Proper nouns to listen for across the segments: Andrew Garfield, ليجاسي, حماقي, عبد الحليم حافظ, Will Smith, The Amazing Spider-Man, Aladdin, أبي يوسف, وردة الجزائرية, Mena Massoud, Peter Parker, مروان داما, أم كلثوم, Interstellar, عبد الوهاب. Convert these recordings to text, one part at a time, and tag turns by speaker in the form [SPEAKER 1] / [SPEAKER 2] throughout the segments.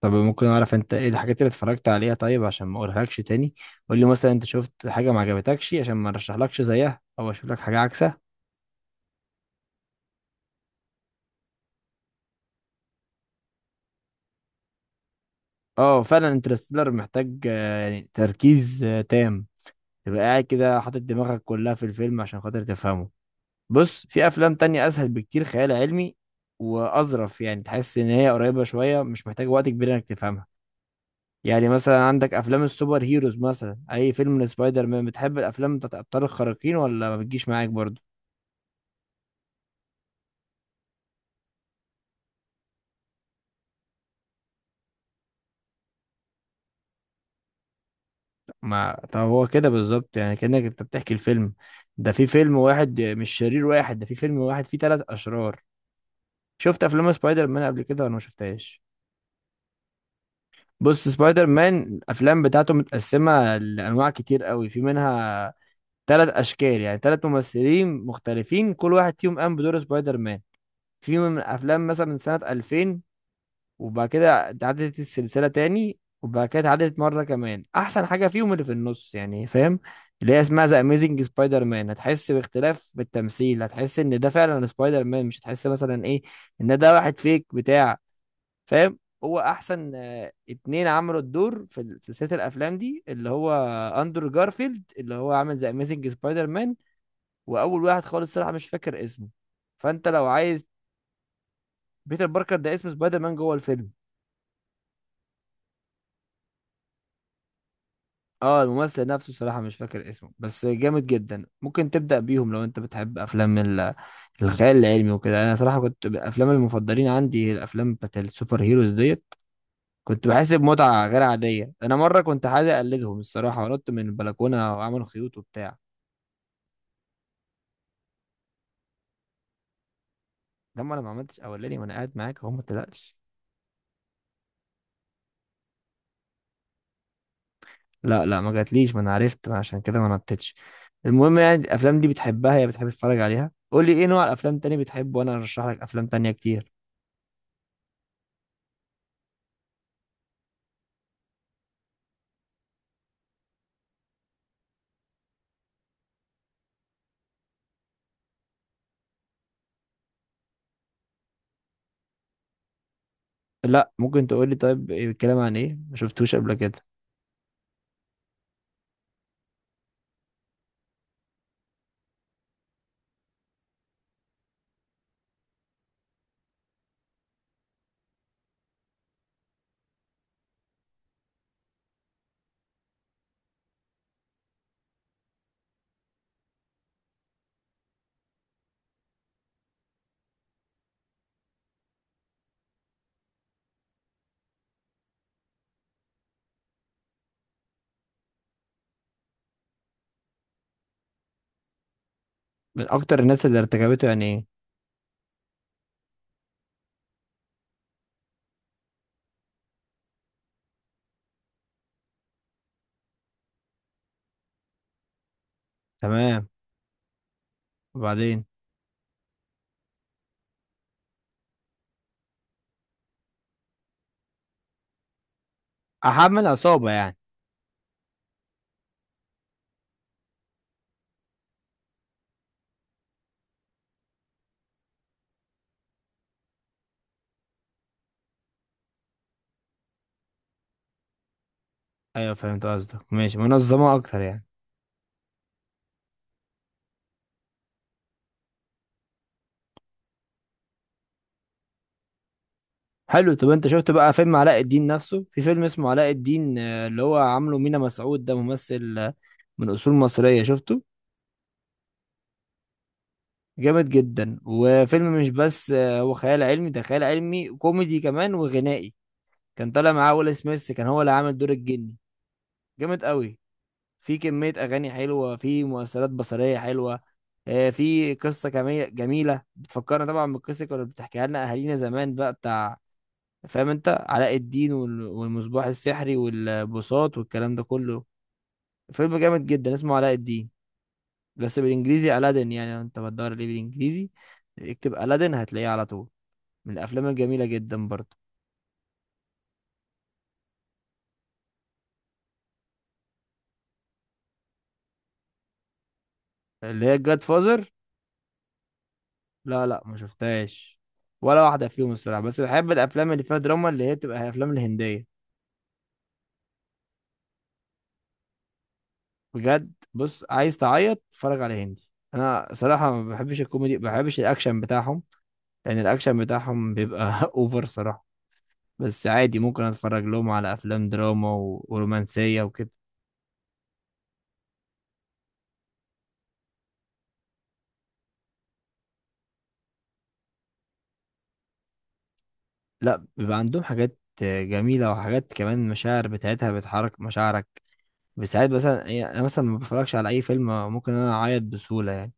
[SPEAKER 1] طب ممكن اعرف انت ايه الحاجات اللي اتفرجت عليها طيب عشان ما اقولهالكش تاني؟ قول لي مثلا انت شفت حاجه ما عجبتكش عشان ما ارشحلكش زيها او اشوف لك حاجه عكسها. اه فعلا انترستيلر محتاج يعني تركيز تام. تبقى قاعد كده حاطط دماغك كلها في الفيلم عشان خاطر تفهمه. بص، في افلام تانية اسهل بكتير خيال علمي واظرف، يعني تحس ان هي قريبه شويه، مش محتاج وقت كبير انك تفهمها. يعني مثلا عندك افلام السوبر هيروز، مثلا اي فيلم لسبايدر مان. بتحب الافلام بتاعت ابطال الخارقين ولا ما بتجيش معاك برضه؟ ما طب هو كده بالظبط، يعني كأنك انت بتحكي الفيلم. ده في فيلم واحد مش شرير واحد، ده في فيلم واحد فيه ثلاث اشرار. شفت افلام سبايدر مان قبل كده ولا ما شفتهاش؟ بص، سبايدر مان الافلام بتاعته متقسمة لانواع كتير قوي، في منها ثلاث اشكال، يعني ثلاث ممثلين مختلفين، كل واحد فيهم قام بدور سبايدر مان. في من الافلام مثلا من سنة 2000، وبعد كده اتعادلت السلسلة تاني، وبعد كده اتعادلت مرة كمان. أحسن حاجة فيهم اللي في النص، يعني فاهم، اللي هي اسمها ذا أميزنج سبايدر مان. هتحس باختلاف بالتمثيل، هتحس إن ده فعلا سبايدر مان، مش هتحس مثلا إيه إن ده واحد فيك بتاع، فاهم. هو أحسن اتنين عملوا الدور في سلسلة الأفلام دي، اللي هو أندرو جارفيلد، اللي هو عامل ذا أميزنج سبايدر مان. وأول واحد خالص صراحة مش فاكر اسمه. فأنت لو عايز. بيتر باركر ده اسم سبايدر مان جوه الفيلم. اه الممثل نفسه صراحة مش فاكر اسمه بس جامد جدا. ممكن تبدأ بيهم لو انت بتحب افلام الخيال العلمي وكده. انا صراحة كنت الافلام المفضلين عندي هي الافلام بتاعت السوبر هيروز ديت، كنت بحس بمتعة غير عادية. انا مرة كنت عايز اقلدهم الصراحة ونط من البلكونة وعملوا خيوط وبتاع. ده ما انا ما عملتش اولاني وانا قاعد معاك اهو، ما تقلقش. لا لا، ما جاتليش، ما انا عرفت، ما عشان كده ما نطتش. المهم يعني الافلام دي بتحبها يا بتحب تتفرج عليها؟ قول لي ايه نوع الافلام تاني بتحبه وانا ارشح لك افلام تانية كتير. لا، ممكن تقول لي طيب إيه الكلام عن ايه؟ ما شفتوش قبل كده. من اكتر الناس اللي ارتكبته يعني ايه؟ تمام. وبعدين. احمل عصابة يعني. ايوه فهمت قصدك، ماشي، منظمة اكتر يعني. حلو. طب انت شفت بقى فيلم علاء الدين نفسه؟ في فيلم اسمه علاء الدين اللي هو عامله مينا مسعود، ده ممثل من اصول مصرية، شفته؟ جامد جدا. وفيلم مش بس هو خيال علمي، ده خيال علمي كوميدي كمان وغنائي. كان طالع معاه ويل سميث، كان هو اللي عامل دور الجني. جامد قوي. في كمية أغاني حلوة، في مؤثرات بصرية حلوة. في قصة كمية جميلة، بتفكرنا طبعا بالقصة اللي كانوا بتحكيها لنا أهالينا زمان بقى بتاع، فاهم؟ أنت علاء الدين والمصباح السحري والبساط والكلام ده كله. فيلم جامد جدا اسمه علاء الدين، بس بالإنجليزي ألادين. يعني لو أنت بتدور ليه بالإنجليزي اكتب ألادين هتلاقيه على طول. من الأفلام الجميلة جدا برضه. اللي هي الجاد فازر؟ لا لا، ما شفتهاش، ولا واحدة فيهم الصراحة. بس بحب الأفلام اللي فيها دراما، اللي هي بتبقى أفلام الهندية. بجد، بص، عايز تعيط اتفرج على هندي. انا صراحه ما بحبش الكوميدي، ما بحبش الاكشن بتاعهم، لان الاكشن بتاعهم بيبقى اوفر صراحه. بس عادي ممكن اتفرج لهم على افلام دراما ورومانسيه وكده. لا، بيبقى عندهم حاجات جميله، وحاجات كمان مشاعر بتاعتها بتحرك مشاعرك بساعات. مثلا يعني انا مثلا ما بتفرجش على اي فيلم، ممكن انا اعيط بسهوله يعني،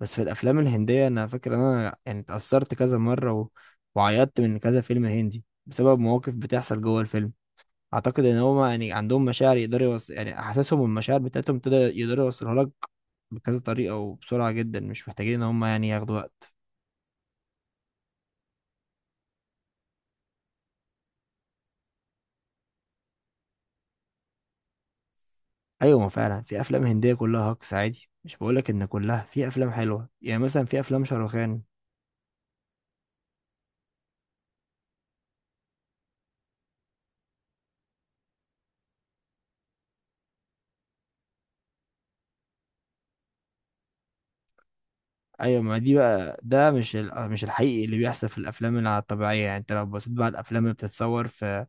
[SPEAKER 1] بس في الافلام الهنديه انا فاكر ان انا يعني اتاثرت كذا مره، وعيطت من كذا فيلم هندي بسبب مواقف بتحصل جوه الفيلم. اعتقد ان هما يعني عندهم مشاعر يقدروا يعني احساسهم والمشاعر بتاعتهم ابتدى يقدروا يوصلوها لك بكذا طريقه وبسرعه جدا، مش محتاجين ان هما يعني ياخدوا وقت. ايوه، ما فعلا في افلام هنديه كلها هكس عادي، مش بقولك ان كلها، في افلام حلوه يعني مثلا في افلام شاروخان. ايوه، ما دي بقى، ده مش الحقيقي اللي بيحصل في الافلام، اللي على الطبيعيه يعني. انت لو بصيت بقى على الافلام اللي بتتصور في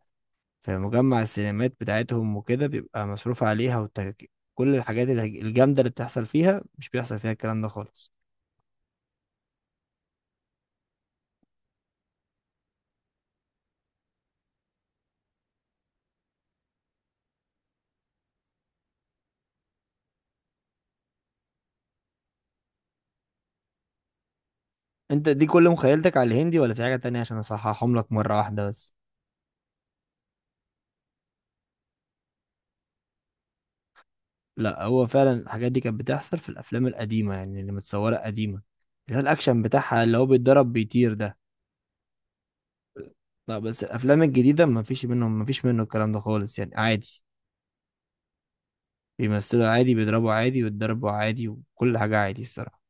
[SPEAKER 1] في مجمع السينمات بتاعتهم وكده بيبقى مصروف عليها كل الحاجات الجامده اللي بتحصل فيها مش بيحصل فيها الكلام ده خالص. انت دي كل مخيلتك على الهندي ولا في حاجة تانية عشان اصححهم لك مرة واحدة بس؟ لا، هو فعلا الحاجات دي كانت بتحصل في الافلام القديمة، يعني اللي متصورة قديمة، اللي هو الاكشن بتاعها اللي هو بيتضرب بيطير ده. لا، بس الافلام الجديدة ما فيش منهم، ما فيش منه الكلام ده خالص، يعني عادي بيمثلوا عادي، بيضربوا عادي، ويتضربوا عادي، وكل حاجة عادي الصراحة.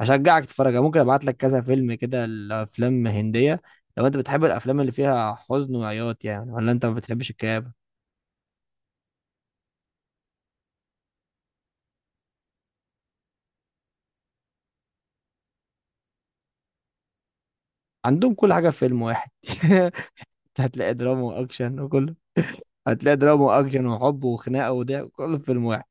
[SPEAKER 1] هشجعك تتفرج، ممكن ابعت لك كذا فيلم كده الافلام هندية. لو انت بتحب الافلام اللي فيها حزن وعياط يعني، ولا انت ما بتحبش الكآبة؟ عندهم كل حاجة في فيلم واحد. هتلاقي دراما واكشن وكله. هتلاقي دراما واكشن وحب وخناقه، وده كله في فيلم واحد.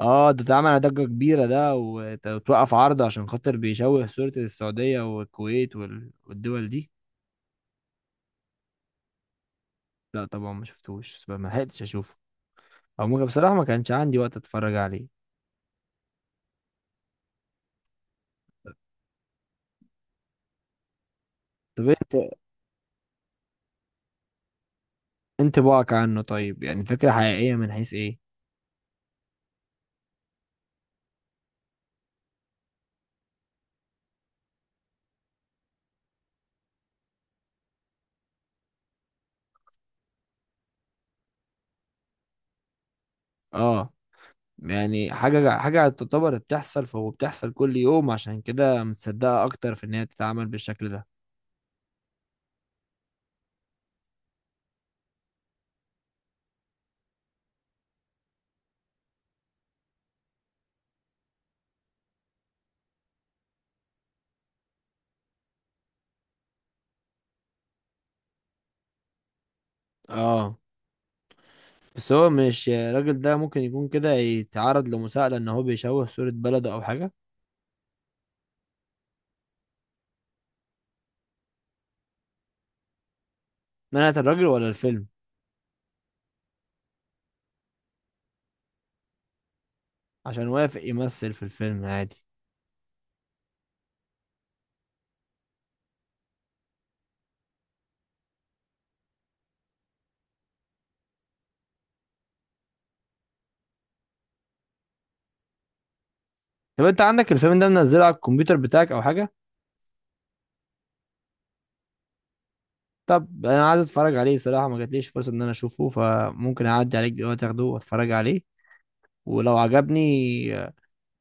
[SPEAKER 1] اه ده اتعمل ضجه كبيره، ده وتوقف عرض عشان خاطر بيشوه صوره السعوديه والكويت والدول دي. لا طبعا ما شفتوش، بس ما لحقتش اشوفه، او ممكن بصراحه ما كانش عندي وقت اتفرج عليه. طب انت بقى عنه طيب، يعني فكره حقيقيه من حيث ايه؟ اه، يعني حاجه حاجه تعتبر بتحصل، فهو بتحصل كل يوم، عشان كده متصدقه اكتر في ان هي تتعمل بالشكل ده. اه. بس هو مش الراجل ده ممكن يكون كده يتعرض لمساءلة ان هو بيشوه صورة بلده او حاجة؟ منعت الراجل ولا الفيلم؟ عشان وافق يمثل في الفيلم عادي. طب انت عندك الفيلم ده منزله على الكمبيوتر بتاعك او حاجة؟ طب انا عايز اتفرج عليه، صراحة ما جاتليش فرصة ان انا اشوفه، فممكن اعدي عليك دلوقتي اخده واتفرج عليه. ولو عجبني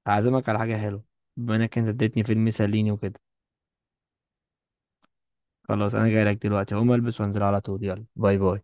[SPEAKER 1] هعزمك على حاجة حلوة بما انك انت اديتني فيلم يسليني وكده. خلاص انا جاي لك دلوقتي، هقوم البس وانزل على طول. يلا باي باي.